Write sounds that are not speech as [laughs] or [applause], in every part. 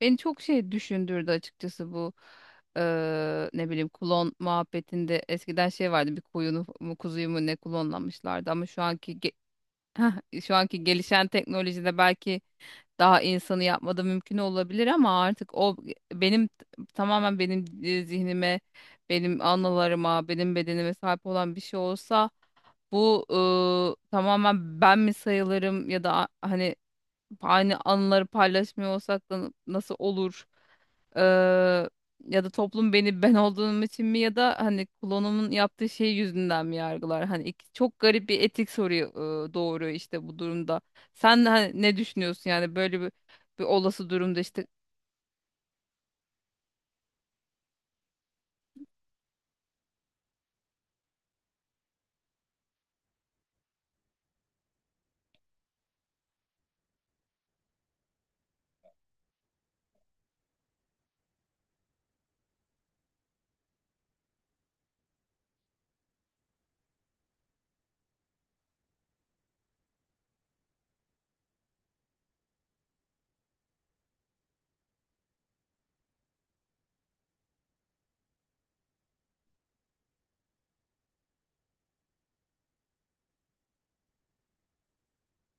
Beni çok şey düşündürdü açıkçası bu. Ne bileyim, klon muhabbetinde eskiden şey vardı, bir koyunu mu kuzuyu mu ne klonlamışlardı ama [laughs] şu anki gelişen teknolojide belki daha insanı yapmada mümkün olabilir. Ama artık o benim, tamamen benim zihnime, benim anılarıma, benim bedenime sahip olan bir şey olsa, bu, tamamen ben mi sayılırım ya da hani aynı anıları paylaşmıyor olsak da nasıl olur? Eee, Ya da toplum beni ben olduğum için mi ya da hani klonumun yaptığı şey yüzünden mi yargılar? Hani çok garip bir etik soruyu doğuruyor işte bu durumda. Sen hani ne düşünüyorsun, yani böyle bir, bir olası durumda işte.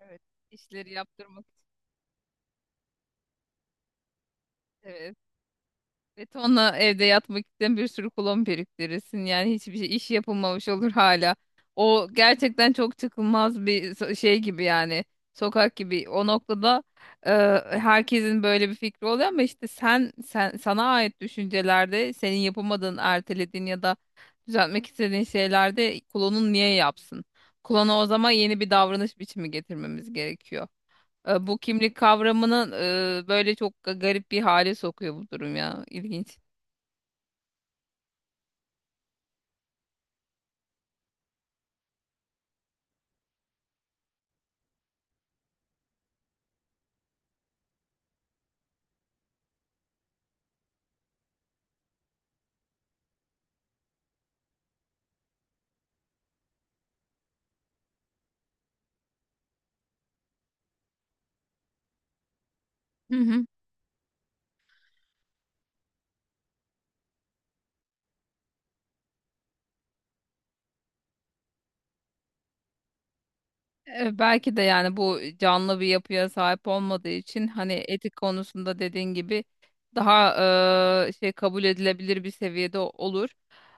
Evet. işleri yaptırmak. Betonla evde yatmak isteyen bir sürü kulon biriktirirsin. Yani hiçbir şey, iş yapılmamış olur hala. O gerçekten çok çıkılmaz bir şey gibi, yani. Sokak gibi. O noktada e, herkesin böyle bir fikri oluyor ama işte sen sana ait düşüncelerde senin yapamadığın, ertelediğin ya da düzeltmek istediğin şeylerde kulonun niye yapsın? Kulona o zaman yeni bir davranış biçimi getirmemiz gerekiyor. E, bu kimlik kavramının böyle çok garip bir hale sokuyor bu durum ya. İlginç. Hı hı. E, belki de yani, bu canlı bir yapıya sahip olmadığı için hani etik konusunda dediğin gibi daha şey, kabul edilebilir bir seviyede olur.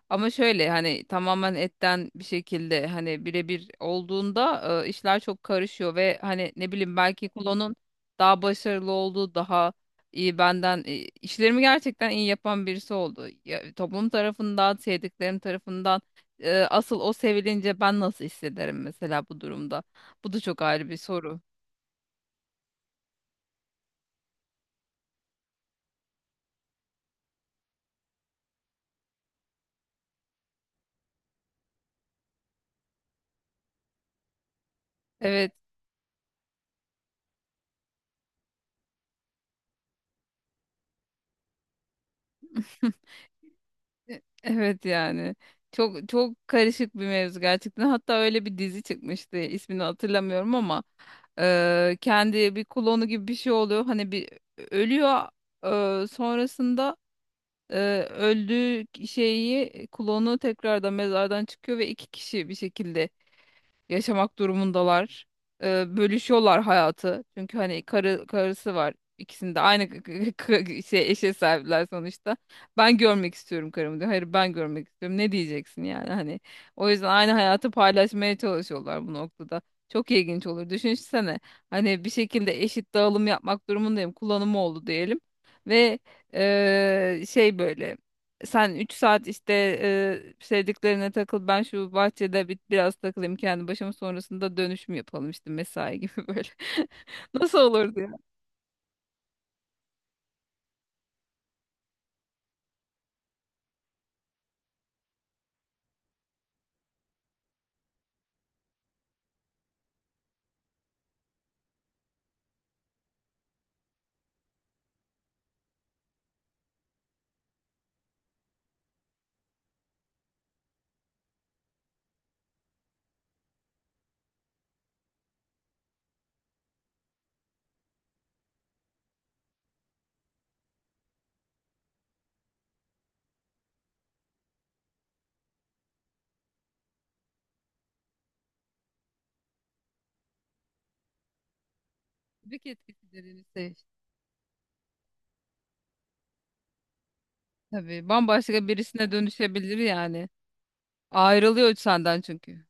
Ama şöyle, hani tamamen etten bir şekilde hani birebir olduğunda işler çok karışıyor ve hani ne bileyim, belki klonun daha başarılı olduğu, daha iyi benden işlerimi gerçekten iyi yapan birisi oldu. Ya, toplum tarafından, sevdiklerim tarafından asıl o sevilince ben nasıl hissederim mesela bu durumda? Bu da çok ayrı bir soru. Evet. [laughs] Evet yani. Çok çok karışık bir mevzu gerçekten. Hatta öyle bir dizi çıkmıştı, İsmini hatırlamıyorum ama. Kendi bir klonu gibi bir şey oluyor. Hani bir ölüyor, sonrasında öldüğü şeyi klonu tekrardan mezardan çıkıyor ve iki kişi bir şekilde yaşamak durumundalar. Bölüşüyorlar hayatı. Çünkü hani karı, karısı var. İkisinde de aynı şey, eşe sahipler sonuçta. Ben görmek istiyorum karımı diyor. Hayır, ben görmek istiyorum. Ne diyeceksin yani, hani. O yüzden aynı hayatı paylaşmaya çalışıyorlar bu noktada. Çok ilginç olur. Düşünsene, hani bir şekilde eşit dağılım yapmak durumundayım. Kullanımı oldu diyelim. Ve şey, böyle, sen 3 saat işte sevdiklerine takıl, ben şu bahçede bir, biraz takılayım kendi başıma, sonrasında dönüşüm yapalım işte, mesai gibi [laughs] böyle. [laughs] Nasıl olurdu ya? Tabii etkisidir. Tabii bambaşka birisine dönüşebilir yani. Ayrılıyor senden çünkü.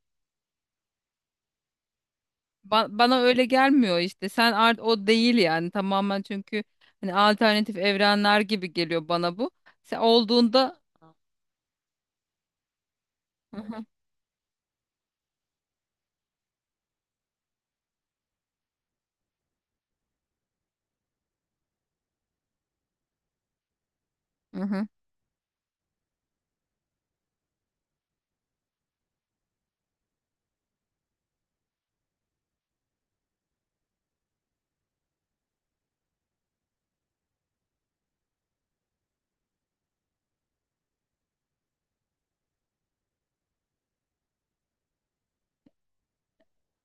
Bana öyle gelmiyor işte, sen art o değil yani tamamen, çünkü hani alternatif evrenler gibi geliyor bana bu. Sen olduğunda. Hı hı. Hı hı.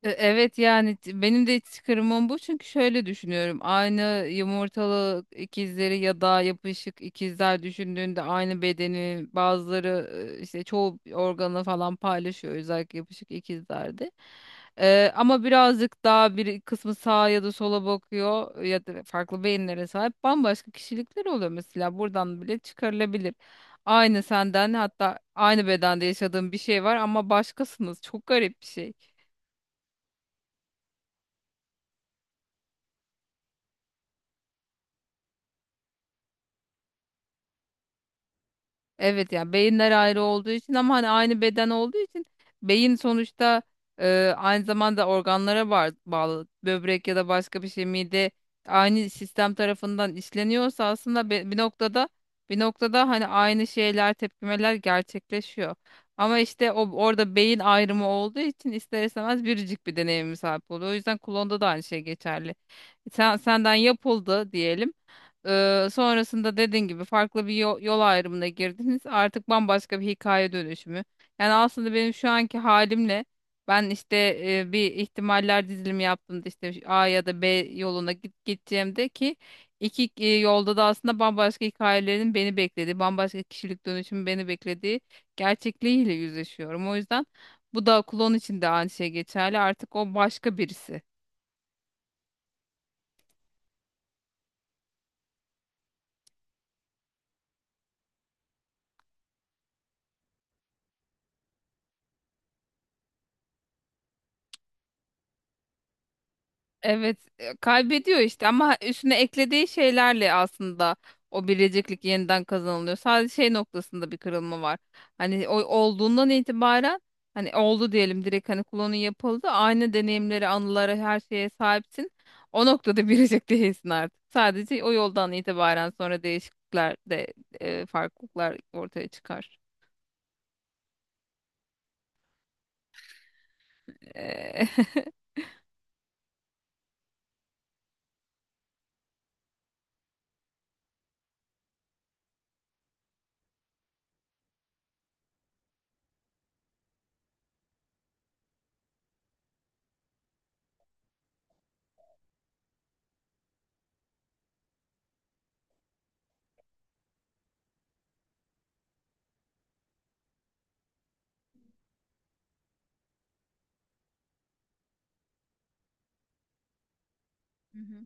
E, evet yani, benim de çıkarımım bu, çünkü şöyle düşünüyorum. Aynı yumurtalı ikizleri ya da yapışık ikizler düşündüğünde aynı bedeni bazıları işte çoğu organı falan paylaşıyor, özellikle yapışık ikizlerde. E, ama birazcık daha bir kısmı sağa ya da sola bakıyor ya da farklı beyinlere sahip bambaşka kişilikler oluyor mesela, buradan bile çıkarılabilir. Aynı senden, hatta aynı bedende yaşadığın bir şey var ama başkasınız. Çok garip bir şey. Evet ya, beyinler ayrı olduğu için. Ama hani aynı beden olduğu için beyin sonuçta aynı zamanda organlara bağlı, böbrek ya da başka bir şey, mide, aynı sistem tarafından işleniyorsa aslında bir noktada, bir noktada hani aynı şeyler, tepkimeler gerçekleşiyor. Ama işte o orada beyin ayrımı olduğu için ister istemez biricik bir deneyime sahip oluyor. O yüzden klonda da aynı şey geçerli. Sen, senden yapıldı diyelim. Sonrasında dediğin gibi farklı bir yol, yol ayrımına girdiniz. Artık bambaşka bir hikaye dönüşümü. Yani aslında benim şu anki halimle ben işte bir ihtimaller dizilimi yaptığımda işte A ya da B yoluna git, gideceğimde ki iki yolda da aslında bambaşka hikayelerin beni beklediği, bambaşka kişilik dönüşümü beni beklediği gerçekliğiyle yüzleşiyorum. O yüzden bu da, klon için de aynı şey geçerli. Artık o başka birisi. Evet, kaybediyor işte ama üstüne eklediği şeylerle aslında o biriciklik yeniden kazanılıyor. Sadece şey noktasında bir kırılma var. Hani o olduğundan itibaren, hani oldu diyelim, direkt hani klonu yapıldı. Aynı deneyimlere, anılara, her şeye sahipsin. O noktada [laughs] biricik değilsin artık. Sadece o yoldan itibaren sonra değişiklikler de farklılıklar ortaya çıkar. Eee, [laughs] Hı hı.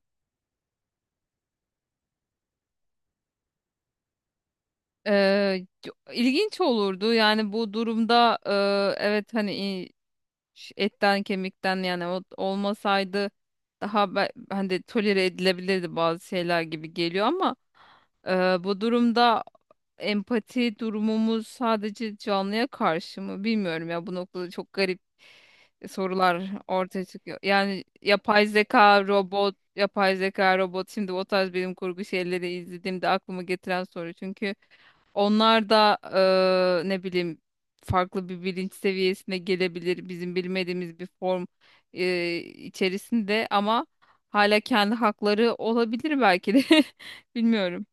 İlginç olurdu yani bu durumda. Evet hani, etten kemikten yani o olmasaydı daha hani tolere edilebilirdi bazı şeyler gibi geliyor ama e, bu durumda empati durumumuz sadece canlıya karşı mı, bilmiyorum ya, bu noktada çok garip sorular ortaya çıkıyor. Yani yapay zeka, robot, yapay zeka, robot, şimdi o tarz bilim kurgu şeyleri izlediğimde aklıma getiren soru, çünkü onlar da ne bileyim, farklı bir bilinç seviyesine gelebilir. Bizim bilmediğimiz bir form içerisinde ama hala kendi hakları olabilir belki de. [laughs] Bilmiyorum.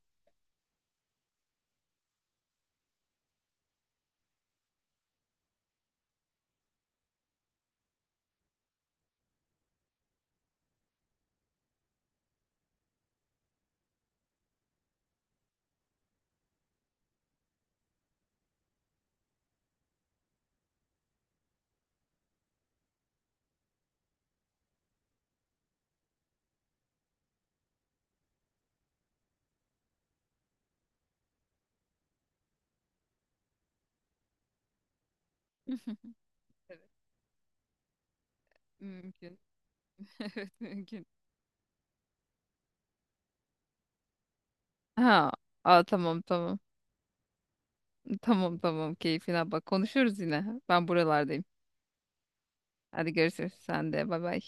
Evet, mümkün. [laughs] Evet, mümkün. Ha, aa, tamam tamam. Tamam tamam, keyfine bak. Konuşuruz yine. Ben buralardayım. Hadi görüşürüz. Sen de bay bay.